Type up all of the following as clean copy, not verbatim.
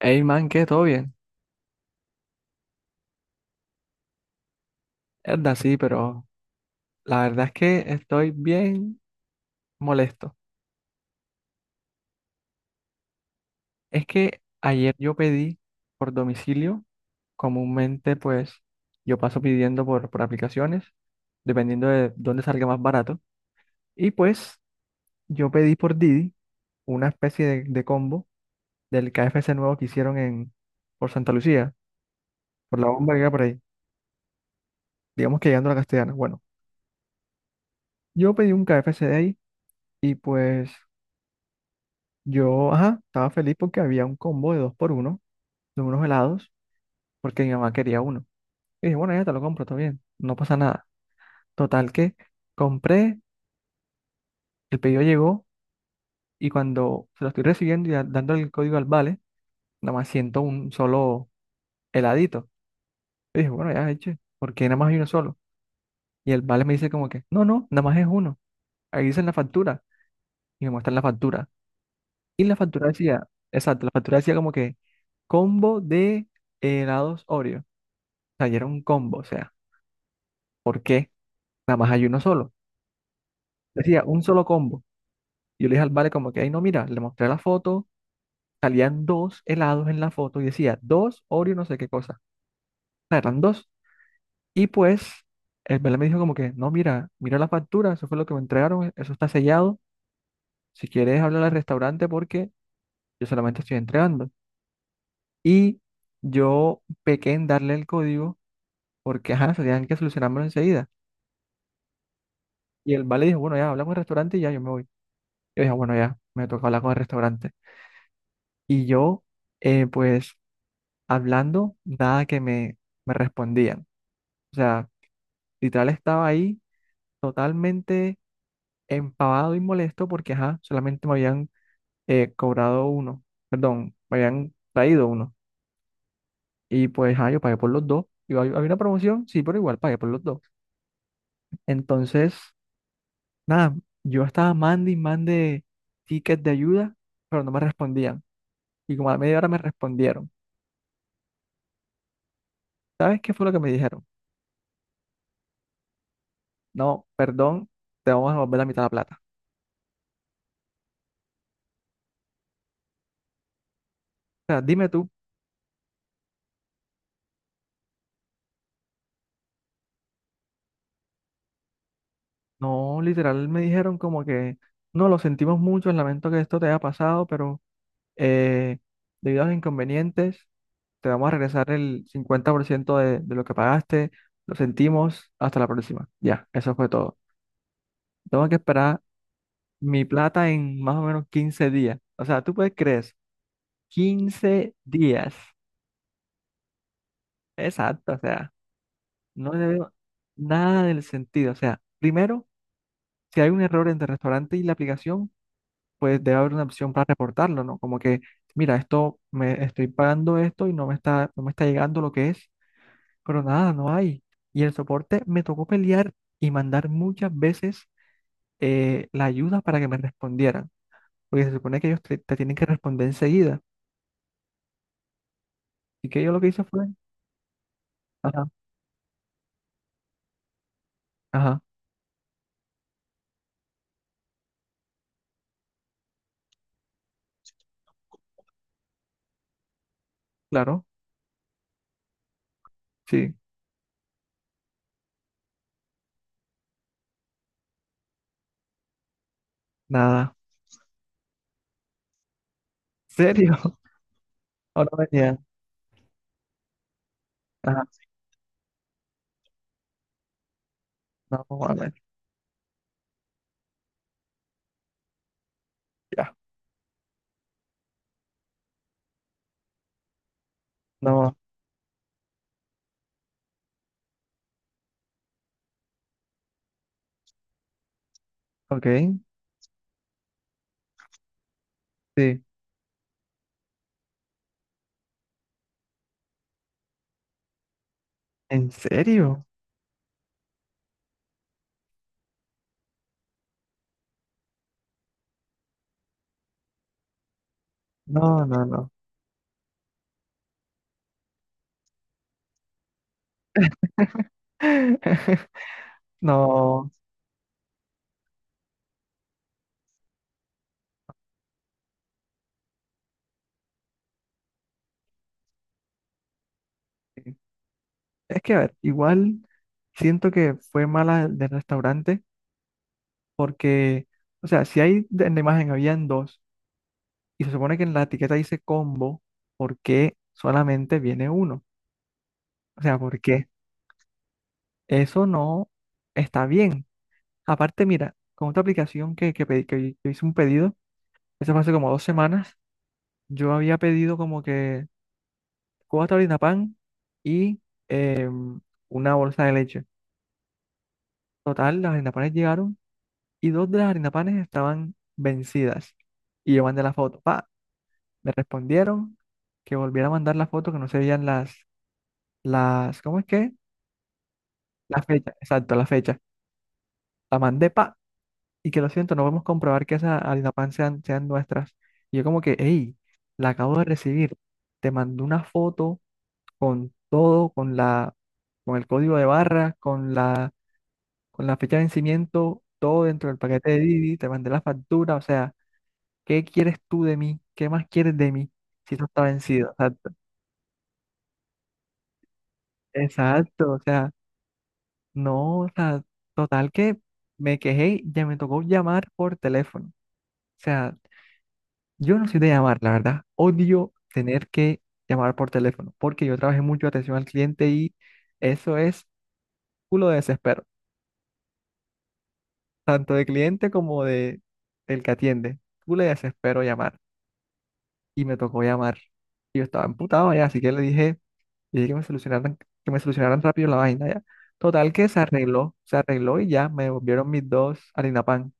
Hey man, ¿qué? ¿Todo bien? Verdad, sí, pero la verdad es que estoy bien molesto. Es que ayer yo pedí por domicilio, comúnmente pues yo paso pidiendo por aplicaciones, dependiendo de dónde salga más barato. Y pues yo pedí por Didi una especie de combo del KFC nuevo que hicieron en, por Santa Lucía, por la bomba que era por ahí, digamos que llegando a la Castellana. Bueno, yo pedí un KFC de ahí y pues yo, ajá, estaba feliz porque había un combo de dos por uno de unos helados, porque mi mamá quería uno. Y dije, bueno, ya te lo compro, todo bien, no pasa nada. Total que compré, el pedido llegó y cuando se lo estoy recibiendo y dando el código al vale, nada más siento un solo heladito. Y dije, bueno, ya eche, porque nada más hay uno solo. Y el vale me dice como que, no, no, nada más es uno. Ahí dice en la factura y me muestran la factura. Y la factura decía, exacto, la factura decía como que combo de helados Oreo. O sea, y era un combo, o sea. ¿Por qué? Nada más hay uno solo. Decía, un solo combo. Y yo le dije al vale como que, ay, no, mira, le mostré la foto, salían dos helados en la foto y decía, dos Oreo no sé qué cosa. O sea, eran dos. Y pues, el vale me dijo como que, no, mira, mira la factura, eso fue lo que me entregaron, eso está sellado. Si quieres, hablar al restaurante porque yo solamente estoy entregando. Y yo pequé en darle el código porque, ajá, se tenían que solucionármelo enseguida. Y el vale dijo, bueno, ya, hablamos al restaurante y ya yo me voy. Yo dije, bueno, ya, me toca hablar con el restaurante. Y yo, pues hablando, nada que me respondían. O sea, literal estaba ahí totalmente empavado y molesto porque, ajá, solamente me habían cobrado uno, perdón, me habían traído uno. Y pues, ajá, yo pagué por los dos. Y había una promoción, sí, pero igual pagué por los dos. Entonces, nada, yo estaba mande y mande tickets de ayuda, pero no me respondían. Y como a la media hora me respondieron. ¿Sabes qué fue lo que me dijeron? No, perdón, te vamos a devolver la mitad de la plata. O sea, dime tú, no, literal me dijeron como que, no, lo sentimos mucho, lamento que esto te haya pasado, pero eh, debido a los inconvenientes, te vamos a regresar el 50% de lo que pagaste, lo sentimos, hasta la próxima. Ya, eso fue todo. Tengo que esperar mi plata en más o menos 15 días. O sea, tú puedes creer, eso, 15 días. Exacto, o sea, no le veo nada del sentido. O sea, primero, si hay un error entre el restaurante y la aplicación, pues debe haber una opción para reportarlo, ¿no? Como que, mira, esto me estoy pagando esto y no me está llegando lo que es, pero nada, no hay. Y el soporte me tocó pelear y mandar muchas veces la ayuda para que me respondieran, porque se supone que ellos te tienen que responder enseguida. Y que yo lo que hice fue, ajá, ajá, claro, sí, nada, serio, ahora venía, ajá, no, a ver, ya, no, ok, sí, en serio, no, no, no. No, es que, a ver, igual siento que fue mala del restaurante porque, o sea, si hay en la imagen habían dos y se supone que en la etiqueta dice combo, ¿por qué solamente viene uno? O sea, ¿por qué? Eso no está bien. Aparte, mira, con otra aplicación que yo hice un pedido, eso fue hace como 2 semanas, yo había pedido como que cuatro harina y una bolsa de leche. Total, las harina llegaron y dos de las harinapanes estaban vencidas. Y yo mandé la foto. Pa, me respondieron que volviera a mandar la foto, que no se veían las, ¿cómo es que? La fecha, exacto, la fecha. La mandé, pa, y que lo siento, no podemos comprobar que esas harinapan sean nuestras. Y yo como que, hey, la acabo de recibir. Te mandé una foto con todo, con el código de barra, con la fecha de vencimiento, todo dentro del paquete de Didi, te mandé la factura. O sea, ¿qué quieres tú de mí? ¿Qué más quieres de mí? Si tú está vencido. Exacto. Exacto. O sea, no, o sea, total que me quejé, y ya me tocó llamar por teléfono. O sea, yo no soy de llamar, la verdad. Odio tener que llamar por teléfono porque yo trabajé mucho atención al cliente y eso es culo de desespero. Tanto de cliente como de el que atiende. Culo de desespero llamar. Y me tocó llamar. Y yo estaba emputado ya, así que le dije. Y que me solucionaran rápido la vaina, ya. Total que se arregló y ya me devolvieron mis dos harinapan.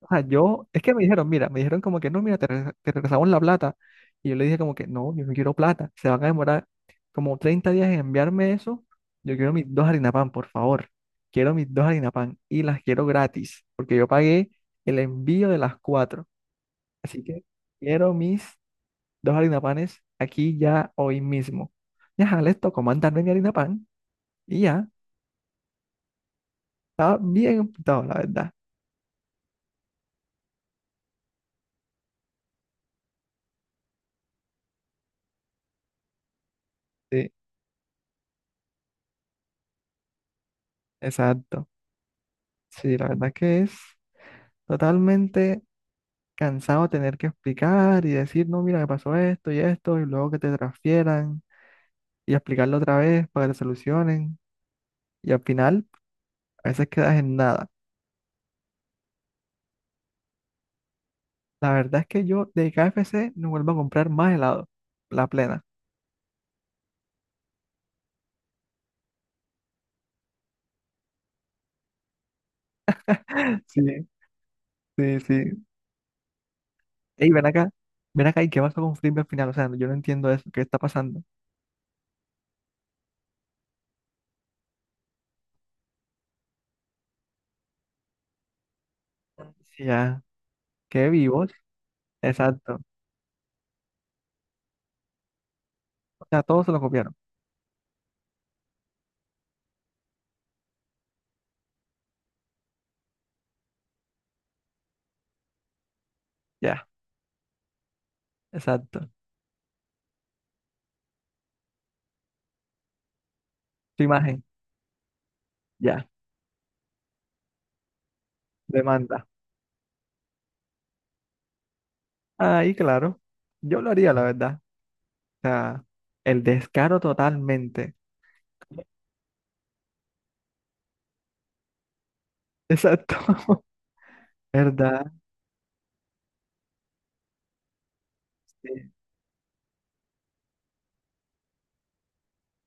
O sea, yo, es que me dijeron, mira, me dijeron como que no, mira, te regresamos la plata. Y yo le dije como que no, yo no quiero plata, se van a demorar como 30 días en enviarme eso. Yo quiero mis dos harina pan por favor. Quiero mis dos harina pan y las quiero gratis, porque yo pagué el envío de las cuatro. Así que quiero mis dos harina panes aquí ya hoy mismo. Ya, les tocó mandarme mi harina pan. Y ya, estaba bien apuntado, la verdad. Sí, exacto. Sí, la verdad que es totalmente cansado tener que explicar y decir, no, mira, me pasó esto y esto, y luego que te transfieran y explicarlo otra vez para que te solucionen. Y al final, a veces quedas en nada. La verdad es que yo de KFC no vuelvo a comprar más helado, la plena. Sí, sí, sí. Ey, ven acá, ¿y qué pasó con Frisbee al final? O sea, yo no entiendo eso, ¿qué está pasando? Sí, ya, qué vivos. Exacto. O sea, todos se lo copiaron. Ya. Exacto. Tu imagen, ya, demanda. Ahí, claro, yo lo haría, la verdad. O sea, el descaro totalmente. Exacto. ¿Verdad? Sí.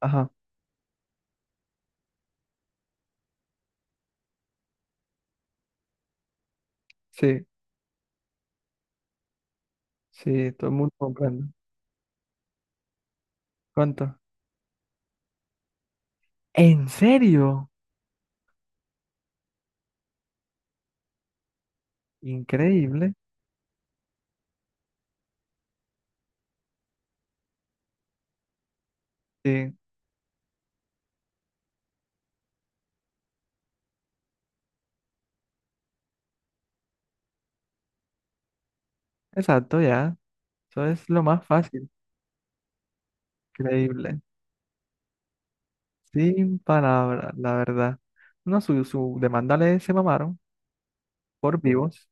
Ajá, sí, sí, todo el mundo comprende. ¿Cuánto? ¿En serio? Increíble. Sí, exacto, ya. Eso es lo más fácil. Increíble. Sin palabras, la verdad. No, su demanda le se mamaron por vivos,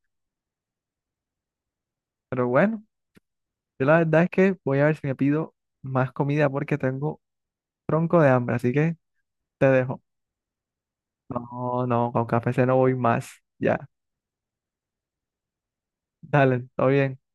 pero bueno. Yo la verdad es que voy a ver si me pido más comida porque tengo tronco de hambre, así que te dejo. No, no, con café se no voy más. Ya, dale, todo bien.